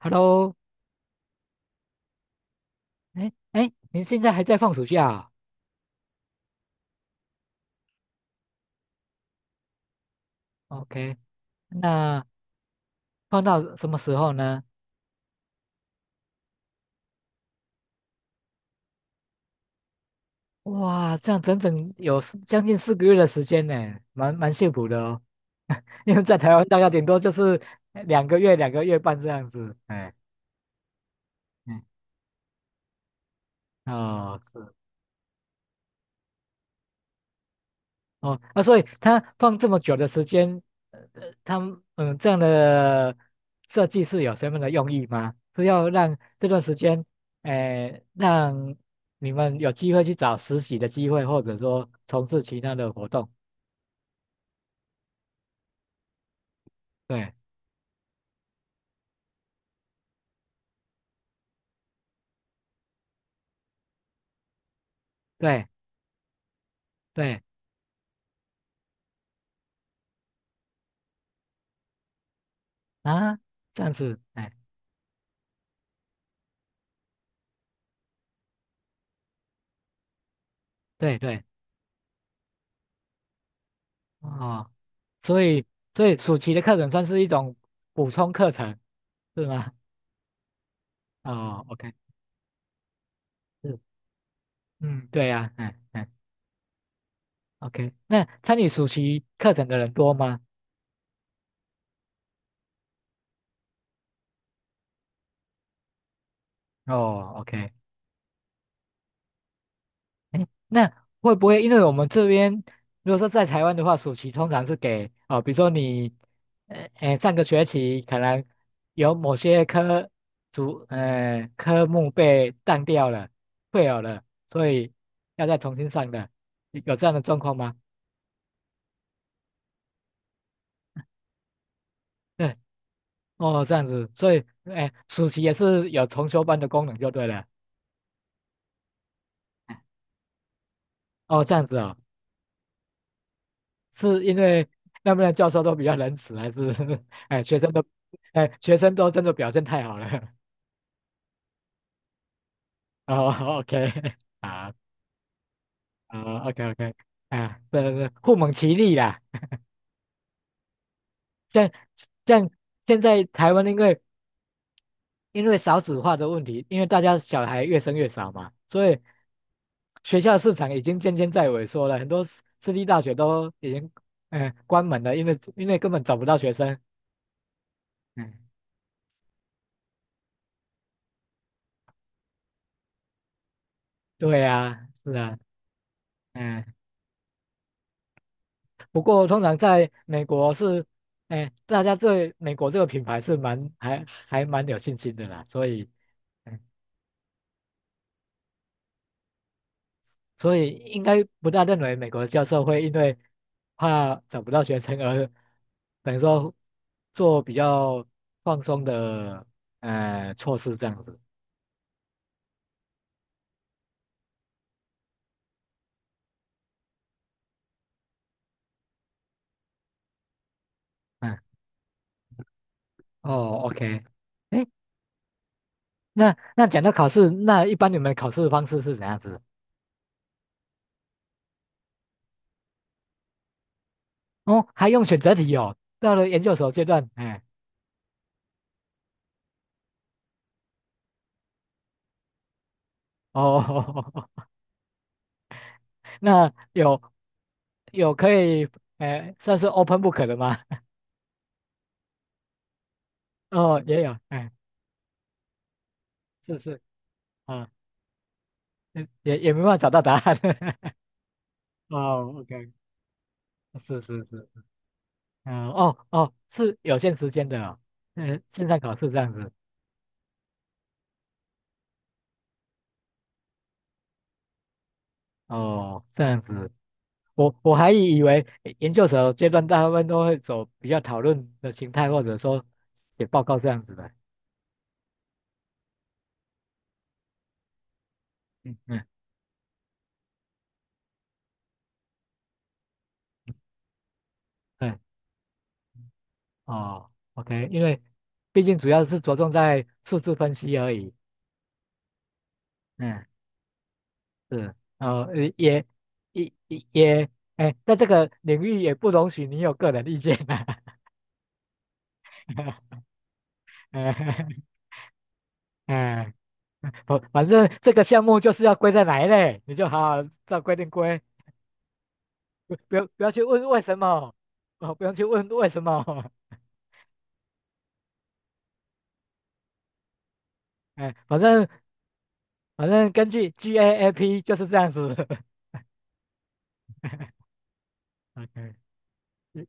Hello,哎哎，您现在还在放暑假啊？OK,那放到什么时候呢？哇，这样整整有四将近四个月的时间呢，蛮幸福的哦。因为在台湾大概顶多就是两个月、两个月半这样子。哎，嗯，哦，是。哦，啊，所以他放这么久的时间，他们这样的设计是有什么样的用意吗？是要让这段时间，诶、让你们有机会去找实习的机会，或者说从事其他的活动。对对对啊，这样子，哎，对对哦，所以所以暑期的课程算是一种补充课程是吗？哦，OK,是，嗯，对呀、啊，哎哎。OK,那参与暑期课程的人多吗？哦，OK,哎，那会不会因为我们这边如果说在台湾的话，暑期通常是给哦，比如说你，上个学期可能有某些科科目被当掉了、退有了，所以要再重新上的，有这样的状况吗？对，哦，这样子，所以哎，暑期也是有重修班的功能就对了。哦，这样子哦是因为那边的教授都比较仁慈，还是 哎学生都哎学生都真的表现太好了？哦，OK 啊，哦，OK OK 啊，对对对，互蒙其力啦。像像现在台湾因为少子化的问题，因为大家小孩越生越少嘛，所以学校市场已经渐渐在萎缩了，很多私立大学都已经关门了，因为根本找不到学生。嗯，对呀，是啊。嗯。不过通常在美国是，哎，大家对美国这个品牌是蛮还蛮有信心的啦，所以，嗯所以应该不大认为美国的教授会因为怕找不到学生而等于说做比较放松的措施这样子。嗯，哦，OK,哎，那讲到考试，那一般你们考试的方式是怎样子？哦，还用选择题哦，到了研究所阶段，哎，哦，那有。有可以，哎，算是 open book 的吗？哦，也有，哎，是是，啊，也没办法找到答案。哦，OK,是是是，嗯，哦哦，是有限时间的哦，嗯，线上考试这样子，哦，这样子，我还以为研究所阶段大部分都会走比较讨论的形态，或者说写报告这样子的。嗯嗯，嗯，哦，OK,因为毕竟主要是着重在数字分析而已。嗯。是，呃，也也哎，在这个领域也不容许你有个人意见啊。哎哎，不，反正这个项目就是要归在哪一类，你就好好照规定归，不要去问为什么，哦，不用去问为什么，哎，反正根据 GAAP 就是这样子。OK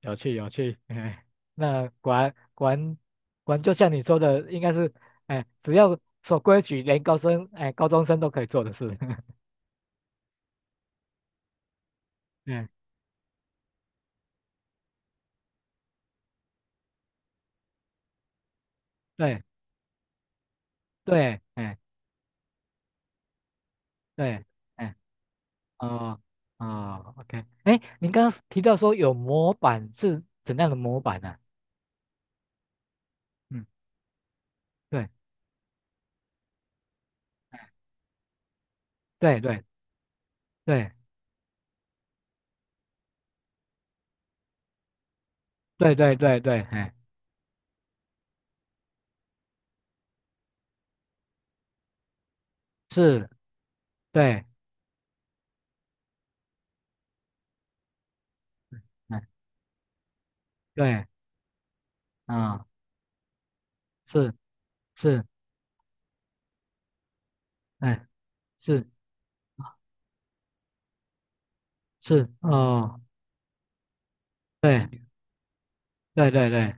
有趣有趣，哎，那果然就像你说的，应该是，哎，只要守规矩，连哎高中生都可以做的事，嗯，对对，哎对，哎哦哦，OK,哎，您刚刚提到说有模板是怎样的模板呢、嗯，对对对对对对对对，哎是，对，哎对，啊、是是，哎是是哦，对对对对。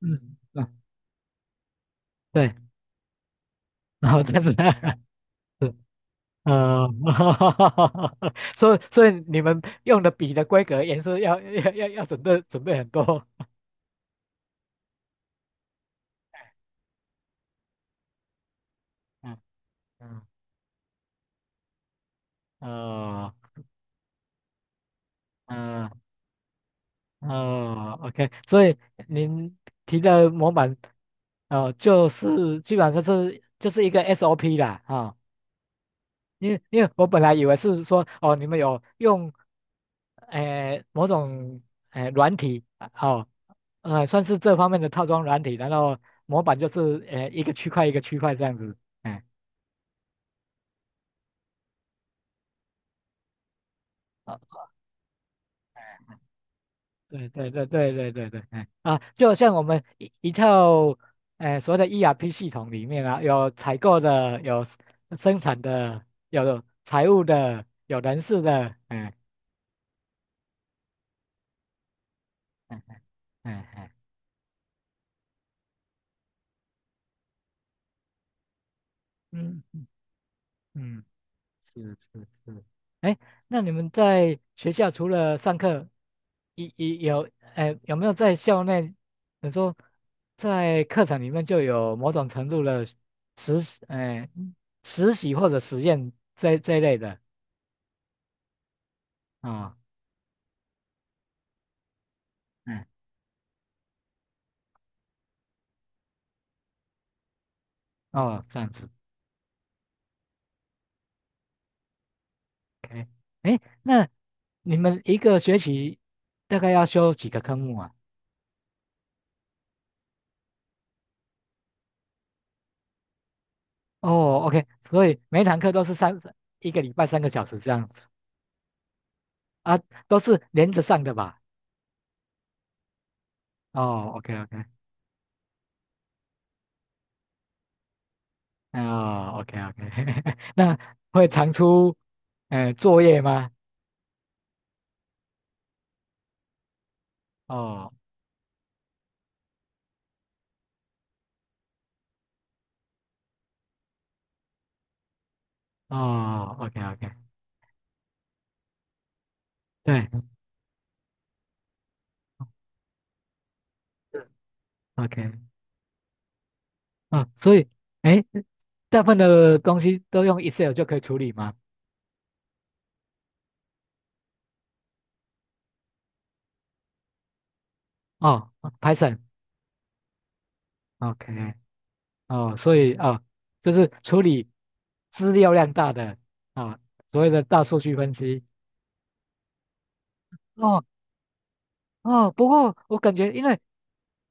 嗯，啊，对，然后在那儿，是呃，所以你们用的笔的规格也是要准备很多，嗯嗯呃嗯，OK,所以您提的模板，呃，就是基本上就是一个 SOP 啦，啊、因为我本来以为是说哦，你们有用某种软体啊哦，算是这方面的套装软体，然后模板就是一个区块一个区块这样子，哎，啊，对，哎啊，就像我们一套所谓的 ERP 系统里面啊，有采购的，有生产的，有财务的，有人事的，哎哎，嗯嗯。是是是，哎，那你们在学校除了上课，一一有，哎，有没有在校内，你说在课程里面就有某种程度的实习哎，实习或者实验这一类的啊，嗯，哦，这样子，OK,哎，那你们一个学期大概要修几个科目啊？哦，OK,所以每一堂课都是一个礼拜三个小时这样子啊，都是连着上的吧？哦，OK OK,哦，OK OK,那会常出，作业吗？哦哦，OK OK,对是，OK,哦，所以，哎，大部分的东西都用 Excel 就可以处理吗？哦Python，OK，哦，所以哦，就是处理资料量大的啊，所谓的大数据分析。哦哦，不过我感觉因为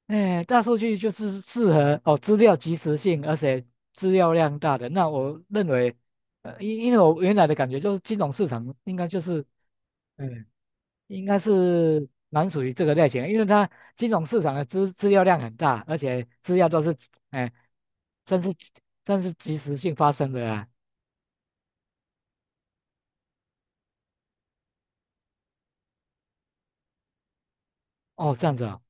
哎，大数据就是适合哦，资料及时性，而且资料量大的。那我认为，呃，因为我原来的感觉就是金融市场应该就是，嗯，应该是蛮属于这个类型的，因为它金融市场的资料量很大，而且资料都是，哎，算是算是及时性发生的啊。哦，这样子哦，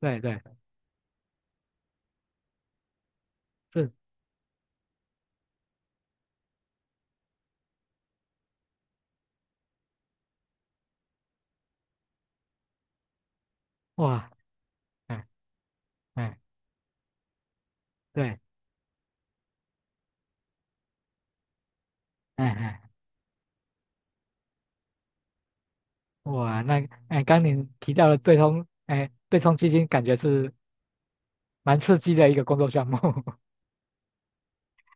对对，是哇，哎哎对，哎哎哇，那哎刚你提到的对冲，哎对冲基金，感觉是。蛮刺激的一个工作项目。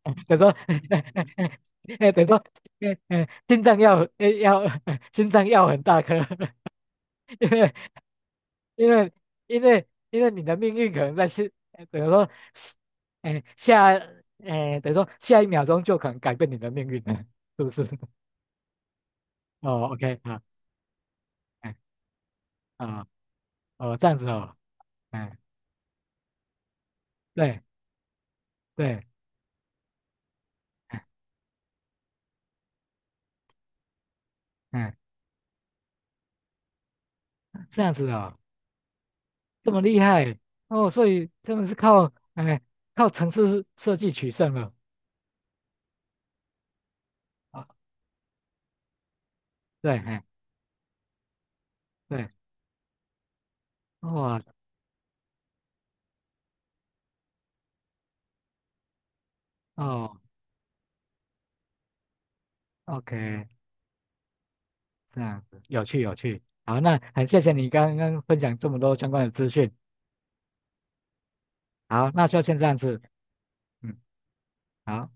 等于说，哎，等于说，哎哎，心脏要哎要 心脏要很大颗，因为因为因为你的命运可能在是，等于说，哎下哎等于说下一秒钟就可能改变你的命运了，是不是？哦，OK 啊，哎啊哦这样子哦，哎对对，哎哎这样子哦。这么厉害哦，所以他们是靠哎靠城市设计取胜了啊，对，哎对，哇哦，OK,这样子有趣有趣，好，那很谢谢你刚刚分享这么多相关的资讯，好，那就先这样子，嗯，好。